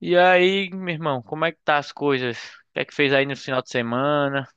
E aí, meu irmão, como é que tá as coisas? O que é que fez aí no final de semana?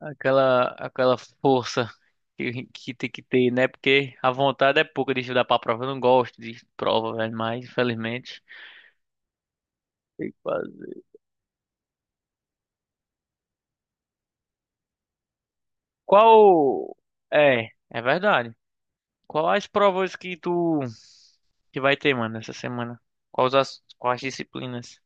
Aquela força que tem que ter, né? Porque a vontade é pouca de estudar pra prova. Eu não gosto de prova, velho, mas infelizmente tem que fazer. Qual... É, é verdade. Quais provas que tu que vai ter, mano, essa semana? Quais disciplinas?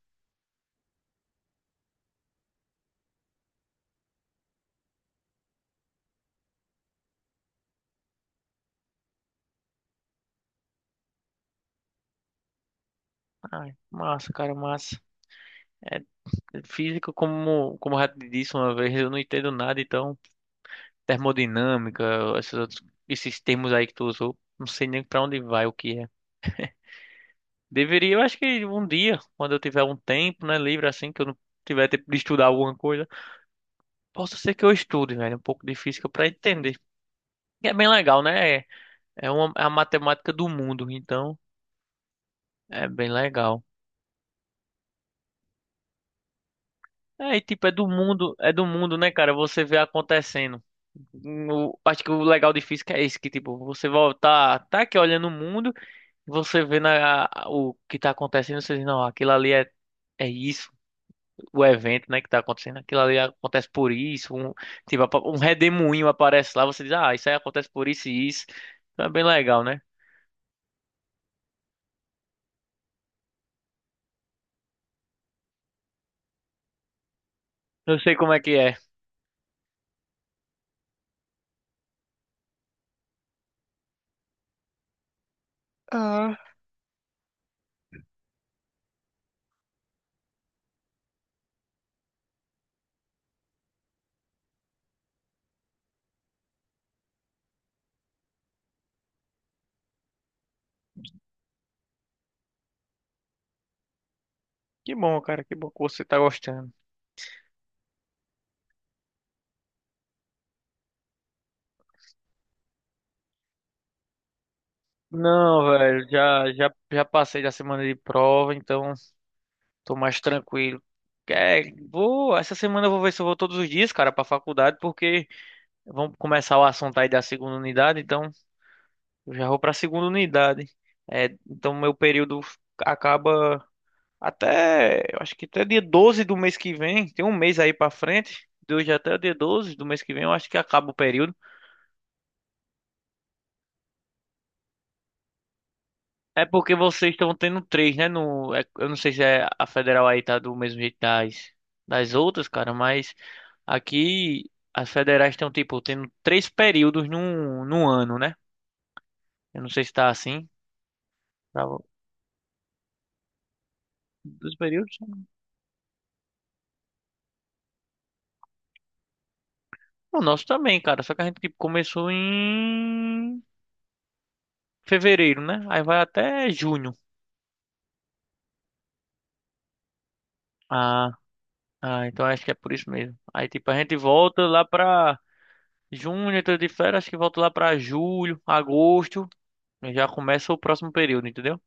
Ai, massa, cara, massa. É, física, como eu já te disse uma vez, eu não entendo nada, então... Termodinâmica, esses outros, esses termos aí que tu usou, não sei nem pra onde vai o que é. Deveria, eu acho que um dia, quando eu tiver um tempo, né, livre assim, que eu não tiver tempo de estudar alguma coisa, possa ser que eu estude, velho, um pouco de física pra entender. E é bem legal, né? É a matemática do mundo, então é bem legal. É, e tipo, é do mundo, né, cara? Você vê acontecendo. Acho que o legal de física é esse, que tipo, você volta tá aqui olhando o mundo. Você vê o que tá acontecendo, você diz, não, é isso, o evento, né, que tá acontecendo, aquilo ali acontece por isso, um redemoinho aparece lá, você diz, ah, isso aí acontece por isso e isso. Então é bem legal, né? Eu sei como é. Que bom, cara, que bom que você tá gostando. Não, velho, já passei da semana de prova, então tô mais tranquilo. É, vou, essa semana eu vou ver se eu vou todos os dias, cara, pra faculdade, porque vamos começar o assunto aí da segunda unidade, então. Eu já vou para a segunda unidade. É, então meu período acaba até, eu acho que até dia 12 do mês que vem, tem um mês aí para frente, de hoje até o dia 12 do mês que vem, eu acho que acaba o período. É porque vocês estão tendo três, né? Eu não sei se é a federal aí tá do mesmo jeito das outras, cara, mas aqui as federais estão tipo tendo três períodos num ano, né? Eu não sei se tá assim. Tá, bom. Dois períodos? É o nosso também, cara. Só que a gente tipo, começou em fevereiro, né? Aí vai até junho. Ah, ah, então acho que é por isso mesmo. Aí tipo, a gente volta lá pra junho, entra de férias, acho que volta lá pra julho, agosto. E já começa o próximo período, entendeu?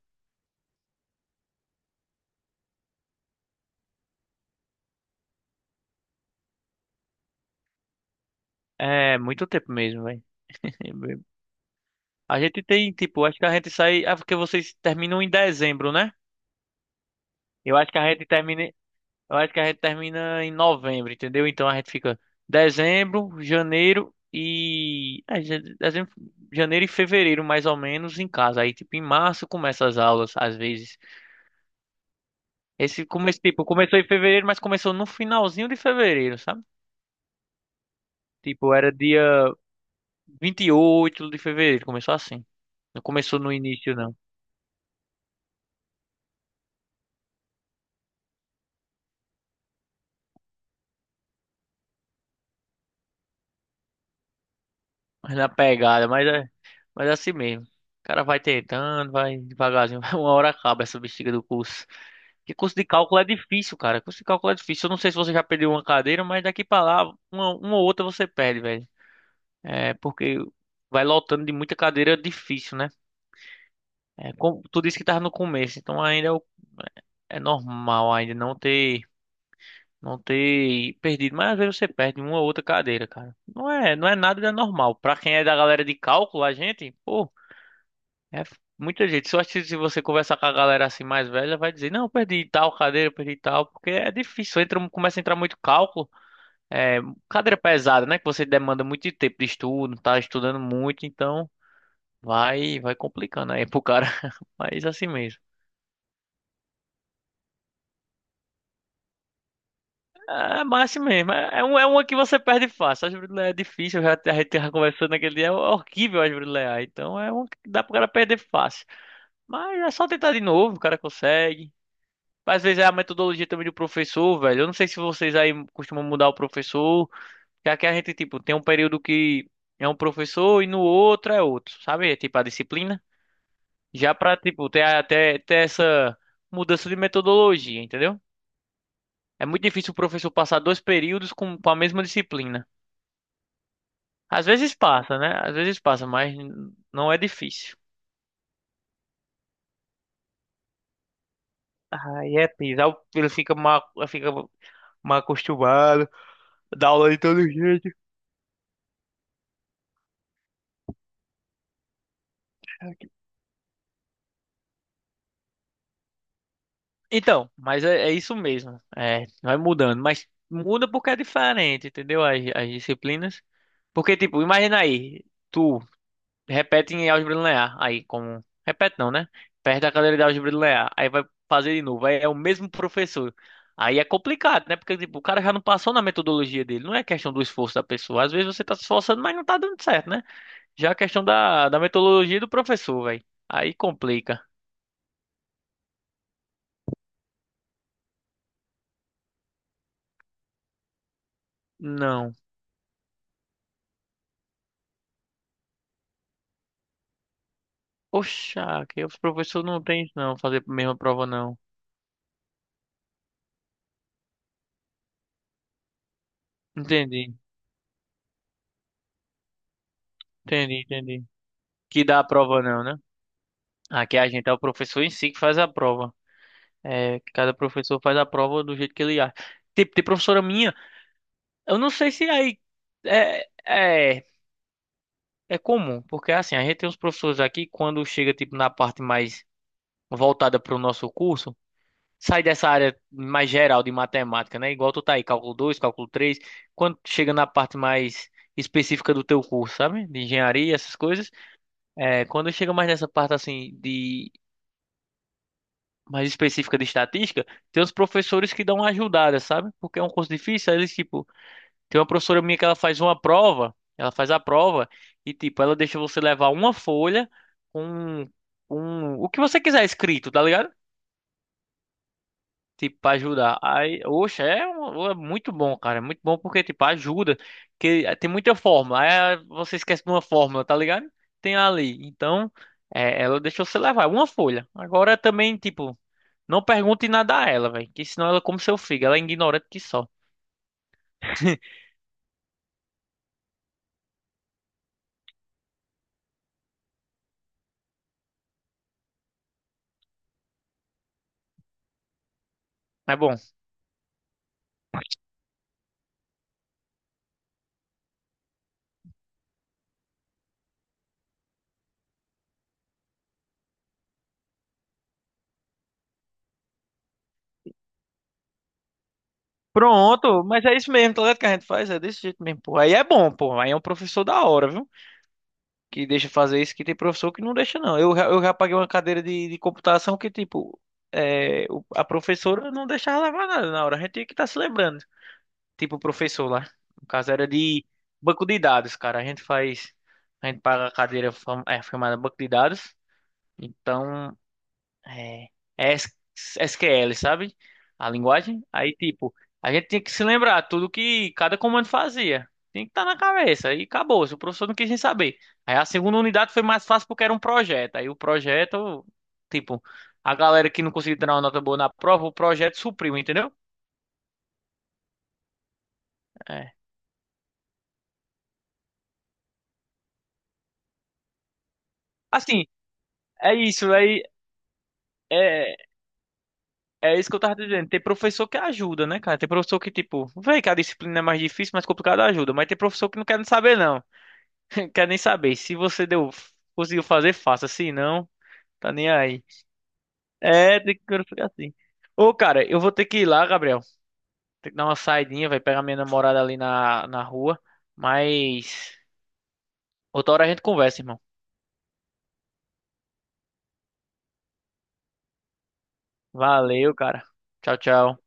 É muito tempo mesmo, velho. A gente tem, tipo, acho que a gente sai. Ah, porque vocês terminam em dezembro, né? Eu acho que a gente termina. Eu acho que a gente termina em novembro, entendeu? Então a gente fica dezembro, janeiro e fevereiro, mais ou menos, em casa. Aí, tipo, em março começa as aulas, às vezes. Esse começo, tipo, começou em fevereiro, mas começou no finalzinho de fevereiro, sabe? Tipo, era dia 28 de fevereiro, começou assim. Não começou no início, não. Mas na pegada, mas é assim mesmo. O cara vai tentando, vai devagarzinho. Uma hora acaba essa bexiga do curso. Porque curso de cálculo é difícil, cara. Curso de cálculo é difícil. Eu não sei se você já perdeu uma cadeira, mas daqui pra lá, uma ou outra você perde, velho. É, porque vai lotando de muita cadeira difícil, né? Tu disse que tava no começo, então é normal ainda não ter, não ter perdido. Mas às vezes você perde uma ou outra cadeira, cara. Não é nada de anormal. Pra quem é da galera de cálculo, a gente, pô. Muita gente. Só acho que se você conversar com a galera assim mais velha, vai dizer, não, eu perdi tal cadeira, eu perdi tal, porque é difícil, entra, começa a entrar muito cálculo. É, cadeira pesada, né? Que você demanda muito tempo de estudo, tá estudando muito, então vai complicando aí pro cara. Mas assim mesmo. É, mas assim mesmo. É uma que você perde fácil. A árvore de leão é difícil, a gente tava conversando naquele dia, é horrível a árvore de leão. Então é uma que dá pro cara perder fácil. Mas é só tentar de novo, o cara consegue. Às vezes é a metodologia também do professor, velho. Eu não sei se vocês aí costumam mudar o professor. Que aqui a gente, tipo, tem um período que é um professor e no outro é outro, sabe? É tipo a disciplina. Já pra, tipo, ter até ter, essa mudança de metodologia, entendeu? É muito difícil o professor passar dois períodos com a mesma disciplina. Às vezes passa, né? Às vezes passa, mas não é difícil. Aí é pisar, ele fica mal acostumado, dá aula de todo jeito. Então, é isso mesmo. É, vai mudando, mas muda porque é diferente, entendeu? As disciplinas. Porque, tipo, imagina aí, tu repete em álgebra linear, aí como. Repete não, né? Perde a cadeira de álgebra linear, aí vai fazer de novo, aí é o mesmo professor. Aí é complicado, né? Porque, tipo, o cara já não passou na metodologia dele. Não é questão do esforço da pessoa. Às vezes você tá se esforçando, mas não tá dando certo, né? Já é questão da metodologia do professor, velho. Aí complica. Não. Oxa, que os professores não têm não, fazer a mesma prova não. Entendi, entendi. Que dá a prova não, né? Aqui a gente é o professor em si que faz a prova. É, cada professor faz a prova do jeito que ele acha. Tipo, tem professora minha, eu não sei se aí é, é, é comum, porque assim, a gente tem uns professores aqui, quando chega tipo na parte mais voltada para o nosso curso, sai dessa área mais geral de matemática, né? Igual tu tá aí, cálculo 2, cálculo 3. Quando chega na parte mais específica do teu curso, sabe? De engenharia, essas coisas. É, quando chega mais nessa parte assim de mais específica de estatística, tem os professores que dão uma ajudada, sabe? Porque é um curso difícil, aí eles tipo, tem uma professora minha que ela faz a prova e tipo, ela deixa você levar uma folha com um, o que você quiser escrito, tá ligado? Tipo, pra ajudar. Aí, oxe, é muito bom, cara. É muito bom porque, tipo, ajuda. Que tem muita forma. Aí ah, você esquece de uma fórmula, tá ligado? Tem ali. Então, é, ela deixou você levar. Uma folha. Agora também, tipo, não pergunte nada a ela, velho. Que senão ela come seu fígado. Ela é ignorante que só. Mas bom. Pronto, mas é isso mesmo, tá ligado? Que a gente faz, é desse jeito mesmo, pô. Aí é bom, pô. Aí é um professor da hora, viu? Que deixa fazer isso, que tem professor que não deixa, não. Eu já paguei uma cadeira de computação que, tipo, a professora não deixava levar nada na hora. A gente tinha que estar se lembrando. Tipo, o professor lá. No caso, era de banco de dados, cara. A gente faz. A gente paga a cadeira chamada banco de dados. Então. É, é S- SQL, sabe? A linguagem. Aí, tipo, a gente tinha que se lembrar tudo que cada comando fazia. Tinha que estar na cabeça. E acabou. Se o professor não quis nem saber. Aí a segunda unidade foi mais fácil porque era um projeto. Aí o projeto, tipo, a galera que não conseguiu tirar uma nota boa na prova, o projeto supriu, entendeu? É. Assim, é isso. Aí é, é isso que eu tava dizendo. Tem professor que ajuda, né, cara? Tem professor que, tipo, vê que a disciplina é mais difícil, mais complicada ajuda. Mas tem professor que não quer nem saber, não. Quero nem saber. Se você deu, conseguiu fazer, faça. Se não, tá nem aí. É, tem que ficar assim. Ô, cara, eu vou ter que ir lá, Gabriel. Tem que dar uma saidinha, vai pegar minha namorada ali na rua. Mas outra hora a gente conversa, irmão. Valeu, cara. Tchau, tchau.